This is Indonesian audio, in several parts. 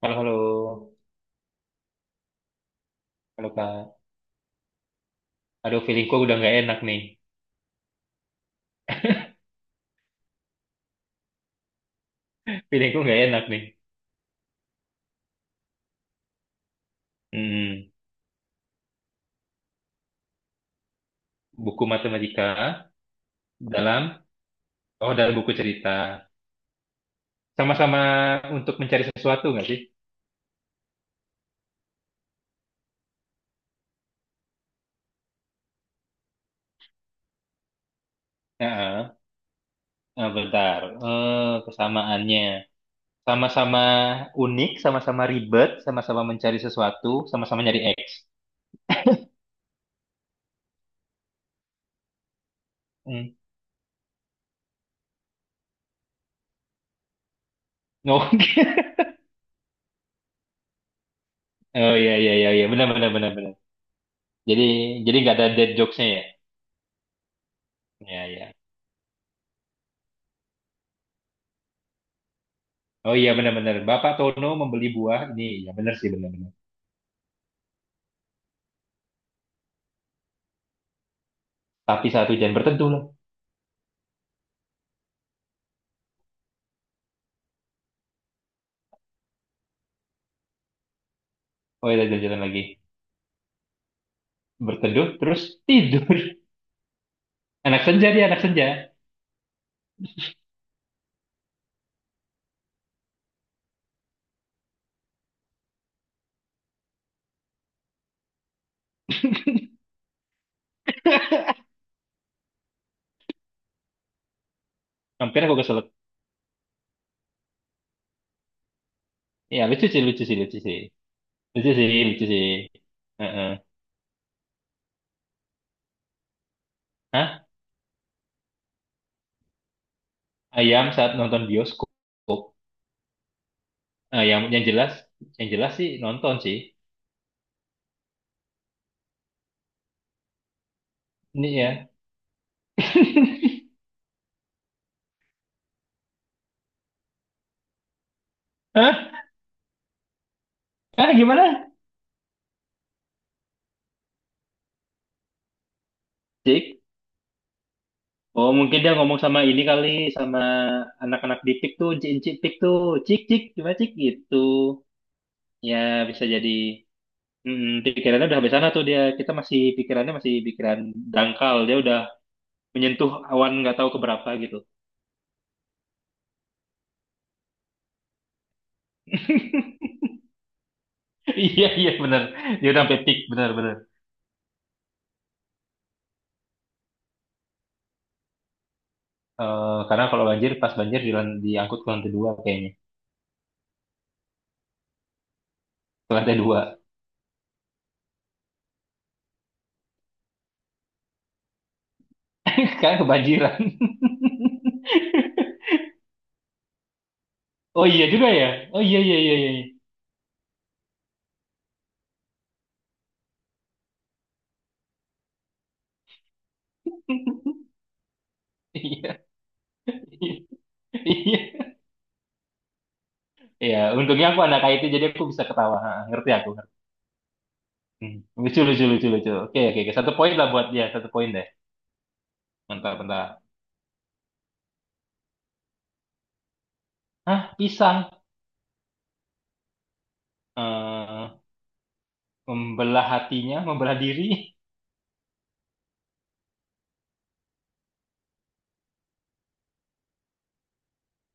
Halo, halo. Halo, Kak. Aduh, feelingku udah nggak enak nih. Feelingku nggak enak nih. Hmm, buku matematika dalam, oh dalam buku cerita. Sama-sama untuk mencari sesuatu nggak sih? Heeh. Nah, bentar. Eh, kesamaannya. Sama-sama unik, sama-sama ribet, sama-sama mencari sesuatu, sama-sama nyari X. Hmm. No. Oh, iya, iya, iya, iya. Benar, benar, benar, benar. Jadi, jadi nggak ada dead jokes-nya ya? Iya, iya. Oh iya benar-benar. Bapak Tono membeli buah ini. Ya benar sih benar-benar. Tapi satu jam berteduh lah. Oh iya jalan-jalan lagi. Berteduh terus tidur. Anak senja dia anak senja. Hampir aku keselak. Ya lucu sih lucu sih lucu sih. Lucu sih lucu sih. Heeh. Hah? Ayam saat nonton bioskop. Ah, yang jelas yang jelas sih nonton sih. Ini ya. Hah? Hah gimana? Cik. Oh mungkin dia ngomong sama ini kali sama anak-anak di PIK tuh, cik-cik PIK tuh, cik-cik gimana cik gitu. Ya bisa jadi pikirannya udah sampai sana tuh dia. Kita masih pikirannya masih pikiran dangkal. Dia udah menyentuh awan nggak tahu keberapa gitu. Iya iya benar. Dia udah sampai peak benar benar. Eh, karena kalau banjir pas banjir di, diangkut ke lantai dua kayaknya. Ke lantai dua. Karena kebanjiran. Oh iya juga ya. Oh iya iya iya iya. Iya iya. Iya. Iya, untungnya aku anak itu jadi aku bisa ketawa. Ha, ngerti aku. Ngerti. Hmm. Lucu lucu lucu lucu. Oke oke. Oke. Satu poin lah buat dia. Satu poin mentah-mentah. Ah, pisang. Eh, membelah hatinya, membelah diri.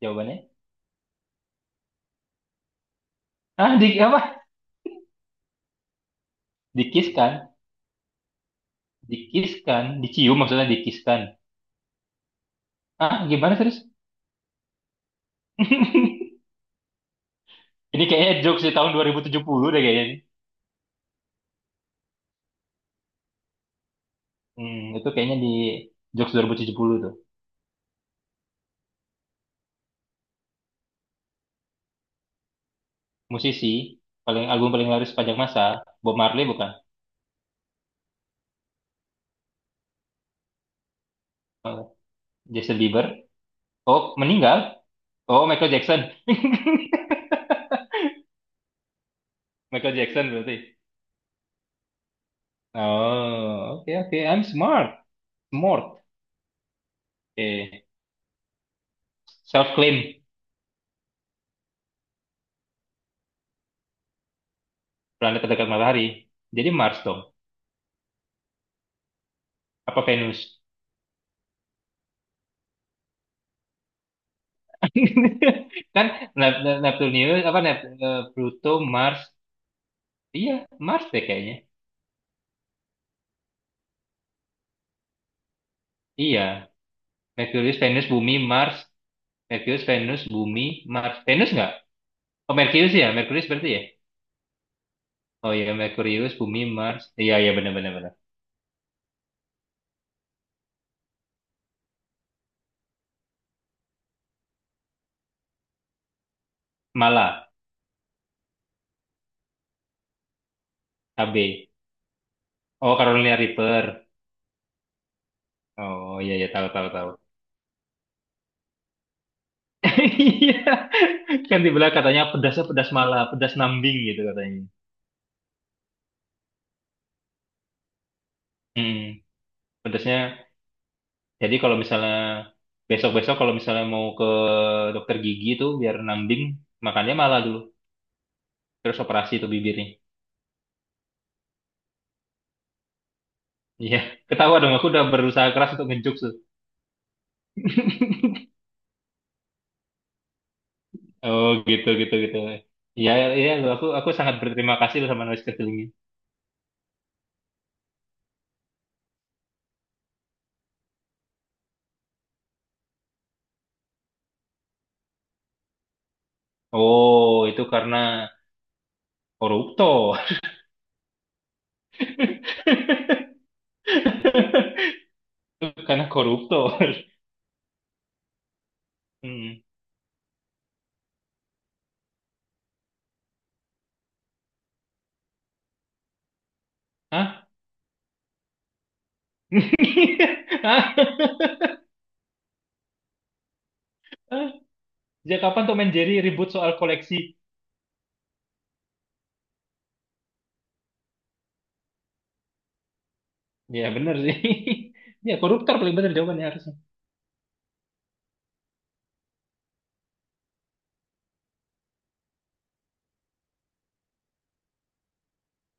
Jawabannya. Ah, di apa? Dikiskan. Dikiskan. Dicium maksudnya dikiskan. Ah, gimana terus? Ini kayaknya jokes di tahun 2070 deh kayaknya. Nih. Hmm, itu kayaknya di jokes 2070 tuh. Musisi, paling album paling laris sepanjang masa. Bob Marley bukan? Eh, Jason Bieber. Oh, meninggal? Oh, Michael Jackson. Michael Jackson berarti. Oh, oke oke. I'm smart. Smart. Eh, self-claim. Planet terdekat matahari. Jadi Mars dong. Apa Venus? Kan Neptunus, apa Nep, eh, Pluto, Mars. Iya, Mars deh kayaknya. Iya. Merkurius, Venus, Bumi, Mars. Merkurius, Venus, Bumi, Mars. Venus nggak? Oh, Merkurius ya. Merkurius berarti ya? Oh iya, Merkurius, Bumi, Mars. Iya, iya benar-benar. Benar. Benar, benar. Mala, KB. Oh, Carolina Reaper. Oh iya, iya tahu tahu tahu. Iya. Kan dibilang katanya pedasnya pedas malah, pedas nambing gitu katanya. Hmm, pedasnya. Jadi kalau misalnya besok-besok kalau misalnya mau ke dokter gigi itu biar nambing, makannya malah dulu. Terus operasi tuh bibirnya. Iya, ketawa dong aku udah berusaha keras untuk ngejuk tuh. Oh, gitu gitu gitu. Iya, iya lu aku sangat berterima kasih lu sama Noise Kecilnya. Oh, itu karena korupto. Karena koruptor. Hmm. Hah? Hah? Sejak kapan Tom and Jerry ribut soal koleksi? Ya bener sih. Ya koruptor paling bener jawabannya harusnya.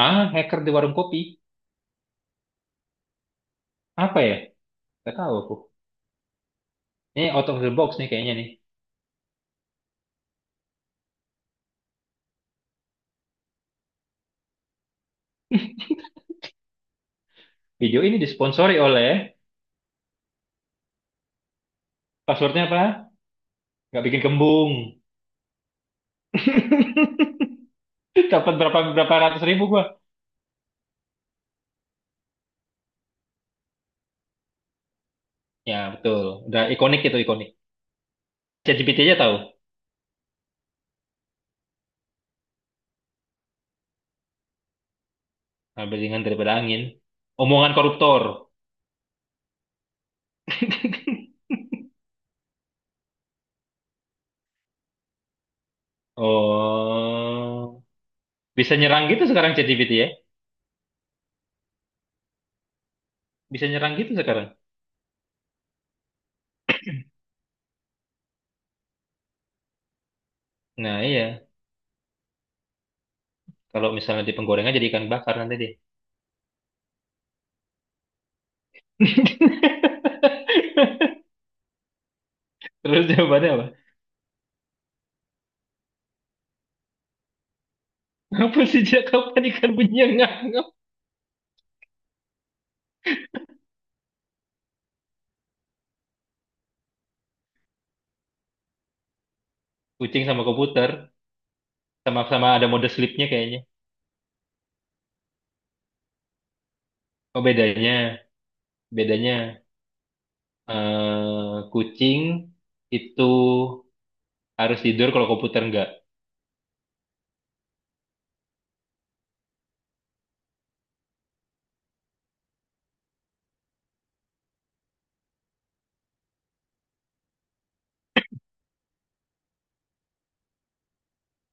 Ah, hacker di warung kopi. Apa ya? Gak tahu aku. Ini out of the box nih kayaknya nih. Video ini disponsori oleh passwordnya apa? Gak bikin kembung. Dapat berapa berapa ratus ribu gua. Ya betul. Udah ikonik itu ikonik. ChatGPT aja tahu. Lebih ringan daripada angin. Omongan koruptor. Oh. Bisa nyerang gitu sekarang ChatGPT ya? Bisa nyerang gitu sekarang. Nah iya, kalau misalnya di penggorengan jadi ikan bakar nanti dia. Terus jawabannya apa? Apa sih sejak kapan ikan punya ngap. Kucing sama komputer, sama-sama ada mode sleep-nya kayaknya. Oh bedanya, bedanya eh, kucing itu harus tidur kalau komputer enggak.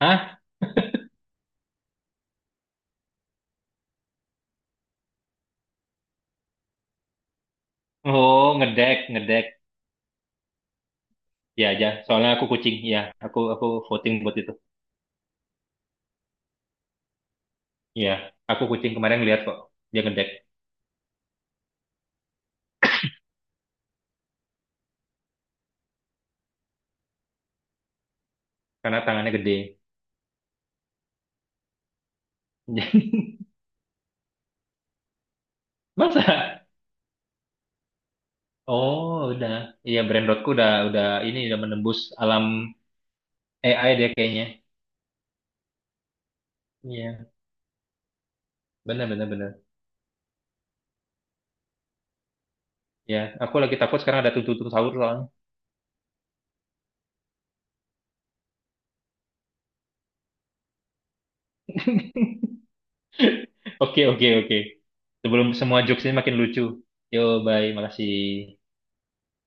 Hah? Oh ngedek, ngedek. Ya aja, soalnya aku kucing. Ya, aku voting buat itu. Ya, aku kucing kemarin lihat kok dia ngedek. Karena tangannya gede. Masa? Oh, udah. Iya, Brandrodku udah ini udah menembus alam AI dia kayaknya. Iya, benar benar benar. Ya, aku lagi takut sekarang ada tuntutan sahur soalnya. Oke, oke, oke. Sebelum semua jokes ini makin lucu. Yo, bye. Makasih.